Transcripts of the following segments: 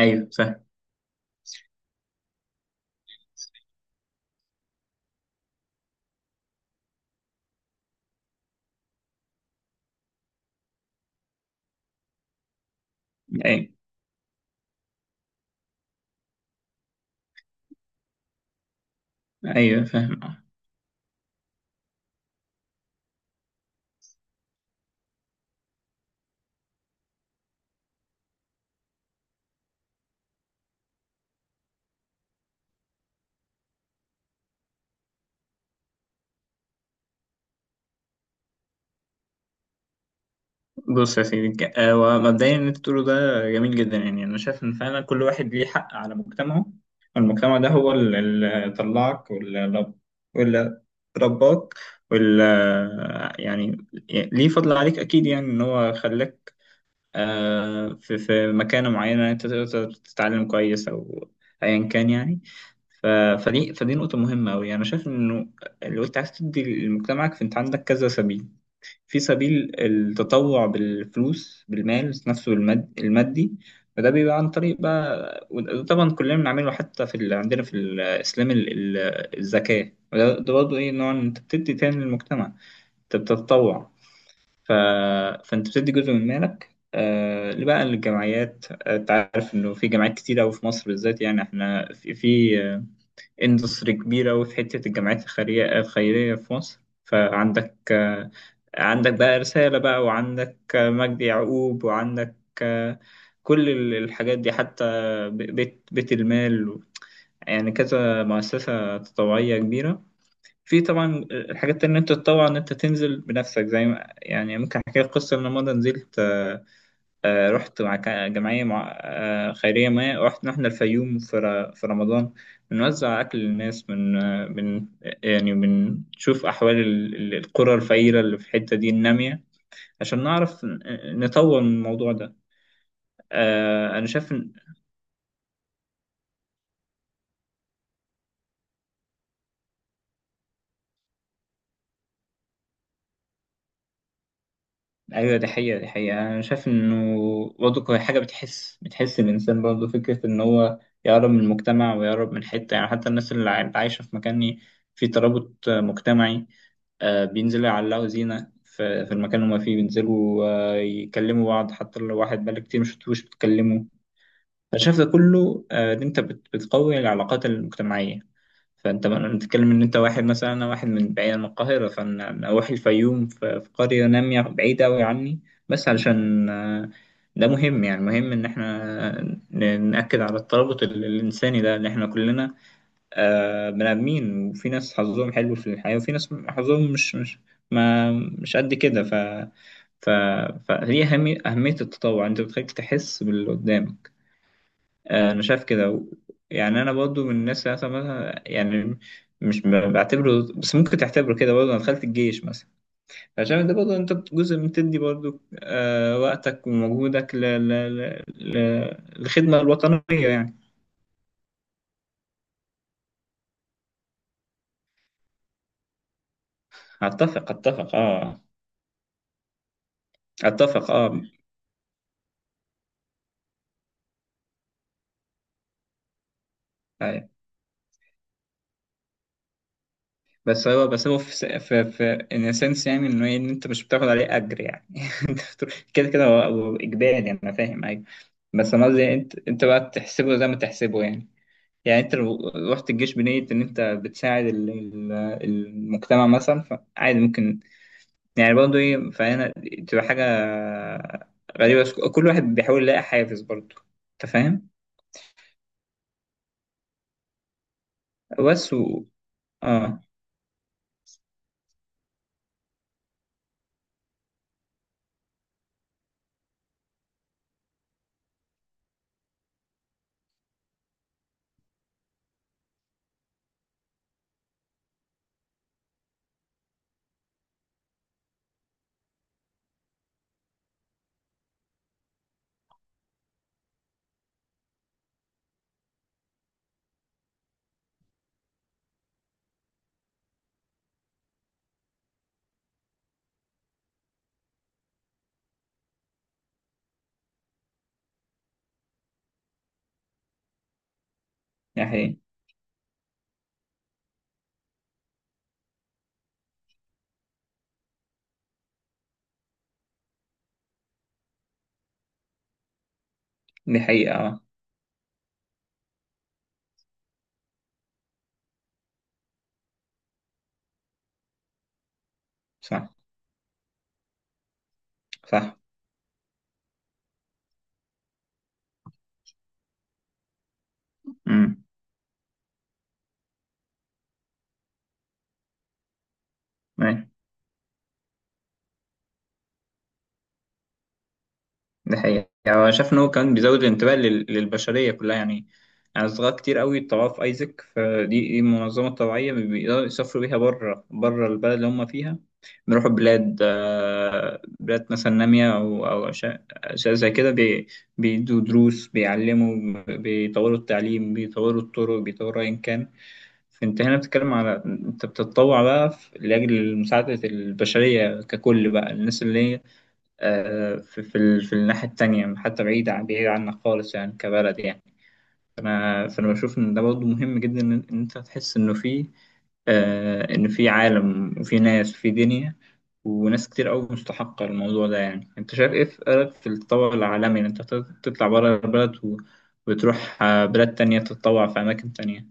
ايوه، فاهم. ايوه. ايوه، فاهم. بص يا سيدي، ومبدئيا اللي انت بتقوله ده جميل جدا. يعني انا شايف ان فعلا كل واحد ليه حق على مجتمعه، والمجتمع ده هو اللي طلعك واللي رباك واللي يعني ليه فضل عليك اكيد. يعني ان هو خلاك في مكانه معينه انت تقدر تتعلم كويس او ايا كان يعني. ف- فدي نقطه مهمه قوي. انا شايف انه لو انت عايز تدي لمجتمعك، فانت عندك كذا سبيل. في سبيل التطوع بالفلوس، بالمال نفسه، المادي. فده بيبقى عن طريق بقى، وده طبعا كلنا بنعمله، حتى عندنا في الإسلام الزكاة. وده برضه إيه؟ نوع إن أنت بتدي تاني للمجتمع، أنت بتتطوع. ف... فأنت بتدي جزء من مالك آه بقى للجمعيات. أنت عارف إنه في جمعيات كتير أوي في مصر بالذات. يعني إحنا في اندستري كبيرة أوي في حتة الجمعيات الخيرية في مصر. فعندك آه، عندك بقى رسالة بقى، وعندك مجدي يعقوب، وعندك آه، كل الحاجات دي. حتى بيت المال. يعني كذا مؤسسة تطوعية كبيرة. في طبعا الحاجات اللي انت تتطوع ان انت تنزل بنفسك. زي ما يعني، ممكن احكي لك قصة ان أنا مرة نزلت، رحت مع جمعية، مع خيرية. ما رحت رحنا الفيوم في في رمضان، بنوزع أكل للناس من آه، من يعني بنشوف أحوال القرى الفقيرة اللي في الحتة دي النامية، عشان نعرف نطور من الموضوع ده. أنا شايف إن. أيوة، دي حقيقة، دي حقيقة. أنا شايف إنه برضه هي حاجة بتحس الإنسان، برضه فكرة إن هو يقرب من المجتمع، ويقرب من حتة، يعني حتى الناس اللي عايشة في مكان فيه ترابط مجتمعي. بينزلوا يعلقوا زينة في المكان اللي هما فيه، بينزلوا يكلموا بعض، حتى لو واحد بقالك كتير مشفتوش بتكلموا. أنا شايف ده كله، إن أنت بتقوي العلاقات المجتمعية. فأنت بتتكلم إن أنت واحد، مثلا أنا واحد من بعيد عن القاهرة، فأنا أروح الفيوم في قرية نامية بعيدة أوي عني، بس علشان ده مهم. يعني مهم إن إحنا نأكد على الترابط الإنساني ده، اللي إحنا كلنا بني آدمين، وفي ناس حظهم حلو في الحياة، وفي ناس حظهم مش قد كده. ف ف فهي أهمية التطوع أنت بتخليك تحس باللي قدامك. أنا شايف كده يعني. أنا برضو من الناس اللي مثلا يعني مش بعتبره، بس ممكن تعتبره كده برضه. أنا دخلت الجيش مثلا، فعشان ده برضه أنت جزء بتدي برضه وقتك ومجهودك للخدمة الوطنية يعني. أتفق، أتفق، أه. أتفق، أه. بس هو بس هو في س- في في ان سنس، يعني انه إيه، ان انت مش بتاخد عليه اجر يعني. كده هو اجباري، يعني انا فاهم، ايوه. بس انا قصدي انت بقى تحسبه زي ما تحسبه. يعني يعني انت لو رحت الجيش بنية ان انت بتساعد المجتمع مثلا، فعادي، ممكن يعني برضه ايه. فهنا تبقى حاجة غريبة، بس كل واحد بيحاول يلاقي حافز برضه. انت فاهم؟ بس اه. دي حقيقة، دي حقيقة. اه، صح. صح. امم. ده حقيقة. يعني أنا شايف إن هو كان بيزود الانتباه للبشرية كلها. يعني يعني صغار كتير قوي طلعوا في أيزك، دي منظمة طوعية بيقدروا يسافروا بيها بره البلد اللي هم فيها، بيروحوا بلاد، بلاد مثلا نامية، أو أشياء زي كده بيدوا دروس، بيعلموا، بيطوروا التعليم، بيطوروا الطرق، بيطوروا أيا كان. فأنت هنا بتتكلم على أنت بتتطوع بقى لأجل مساعدة البشرية ككل، بقى الناس اللي هي في الناحية التانية، حتى بعيد عنك خالص، يعني كبلد يعني. فأنا بشوف إن ده برضه مهم جدا، إن أنت تحس إنه في آه، إن في عالم، وفي ناس، وفي دنيا، وناس كتير أوي مستحقة الموضوع ده. يعني أنت شايف إيه في رأيك في التطور العالمي، إن أنت تطلع بره البلد وتروح بلاد تانية تتطوع في أماكن تانية؟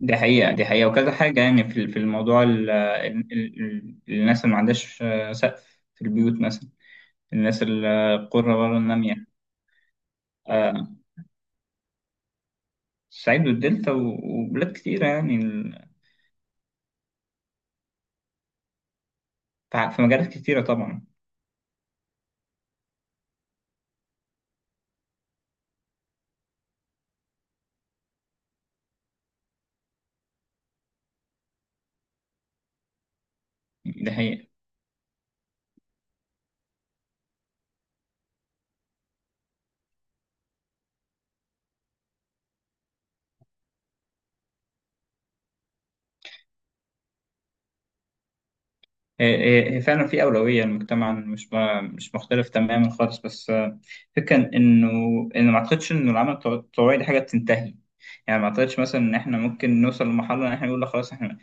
دي حقيقة، دي حقيقة، وكذا حاجة يعني في الموضوع. الناس اللي ما عندهاش سقف في البيوت مثلا، الناس القرى ورا النامية، آه، الصعيد والدلتا وبلاد كتيرة يعني في مجالات كتيرة طبعا. ده هي فعلا في أولوية المجتمع، مش مش مختلف تماما خالص، بس الفكرة إنه ما أعتقدش إنه العمل التطوعي دي حاجة بتنتهي. يعني ما أعتقدش مثلا إن إحنا ممكن نوصل لمرحلة إن إحنا نقول لا، خلاص إحنا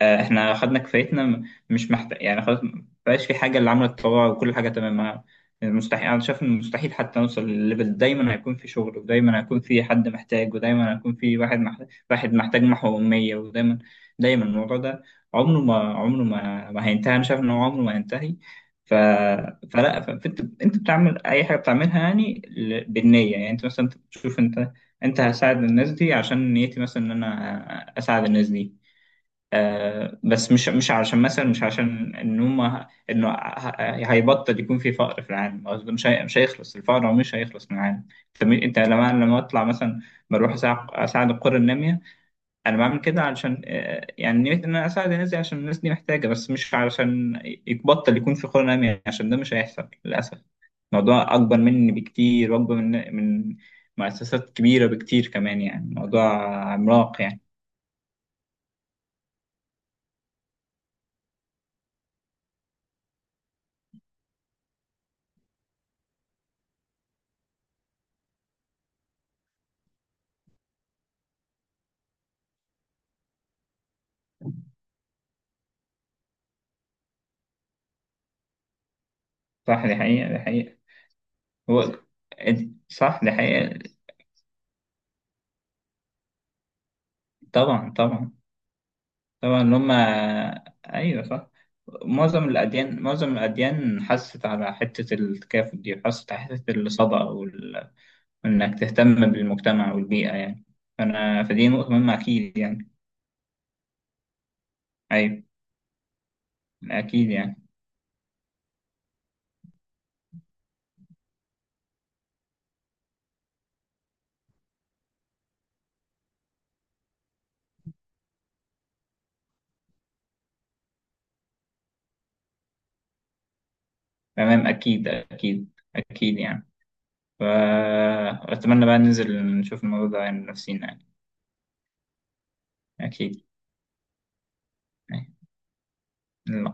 احنا خدنا كفايتنا، مش محتاج يعني، خلاص مبقاش في حاجه اللي عامله تطوع وكل حاجه تمام. مستحيل. انا شايف ان مستحيل حتى نوصل للليفل. دايما هيكون في شغل، ودايما هيكون في حد محتاج، ودايما هيكون في واحد محتاج محو اميه. ودايما الموضوع ده عمره ما هينتهي. انا شايف ان هو عمره ما هينتهي. ف... فانت بتعمل اي حاجه بتعملها يعني بالنيه. يعني انت مثلا تشوف انت هساعد الناس دي عشان نيتي مثلا ان انا اساعد الناس دي، بس مش عشان مثلا، مش عشان ان هم انه هيبطل يكون في فقر في العالم. قصدي مش، مش هيخلص الفقر، هو مش هيخلص من العالم. انت أنت لما اطلع مثلا بروح أساعد القرى الناميه. انا بعمل كده علشان يعني نية ان انا اساعد الناس دي عشان الناس دي محتاجه، بس مش علشان يبطل يكون في قرى ناميه، عشان ده مش هيحصل للاسف. الموضوع اكبر مني بكتير، واكبر من مؤسسات كبيره بكتير كمان يعني. الموضوع عملاق يعني. صح، دي حقيقه، دي حقيقه. هو صح، ده حقيقة. طبعا، طبعا، طبعا اللي هم، أيوة صح. معظم الأديان حست على حتة التكافؤ دي، حست على حتة الصدقة وإنك تهتم بالمجتمع والبيئة يعني. فدي نقطة مهمة أكيد يعني. أيوة، أكيد يعني. تمام، أكيد، أكيد. أكيد يعني. فأتمنى بقى ننزل نشوف الموضوع ده يعني، نفسينا يعني. أكيد. أيوة.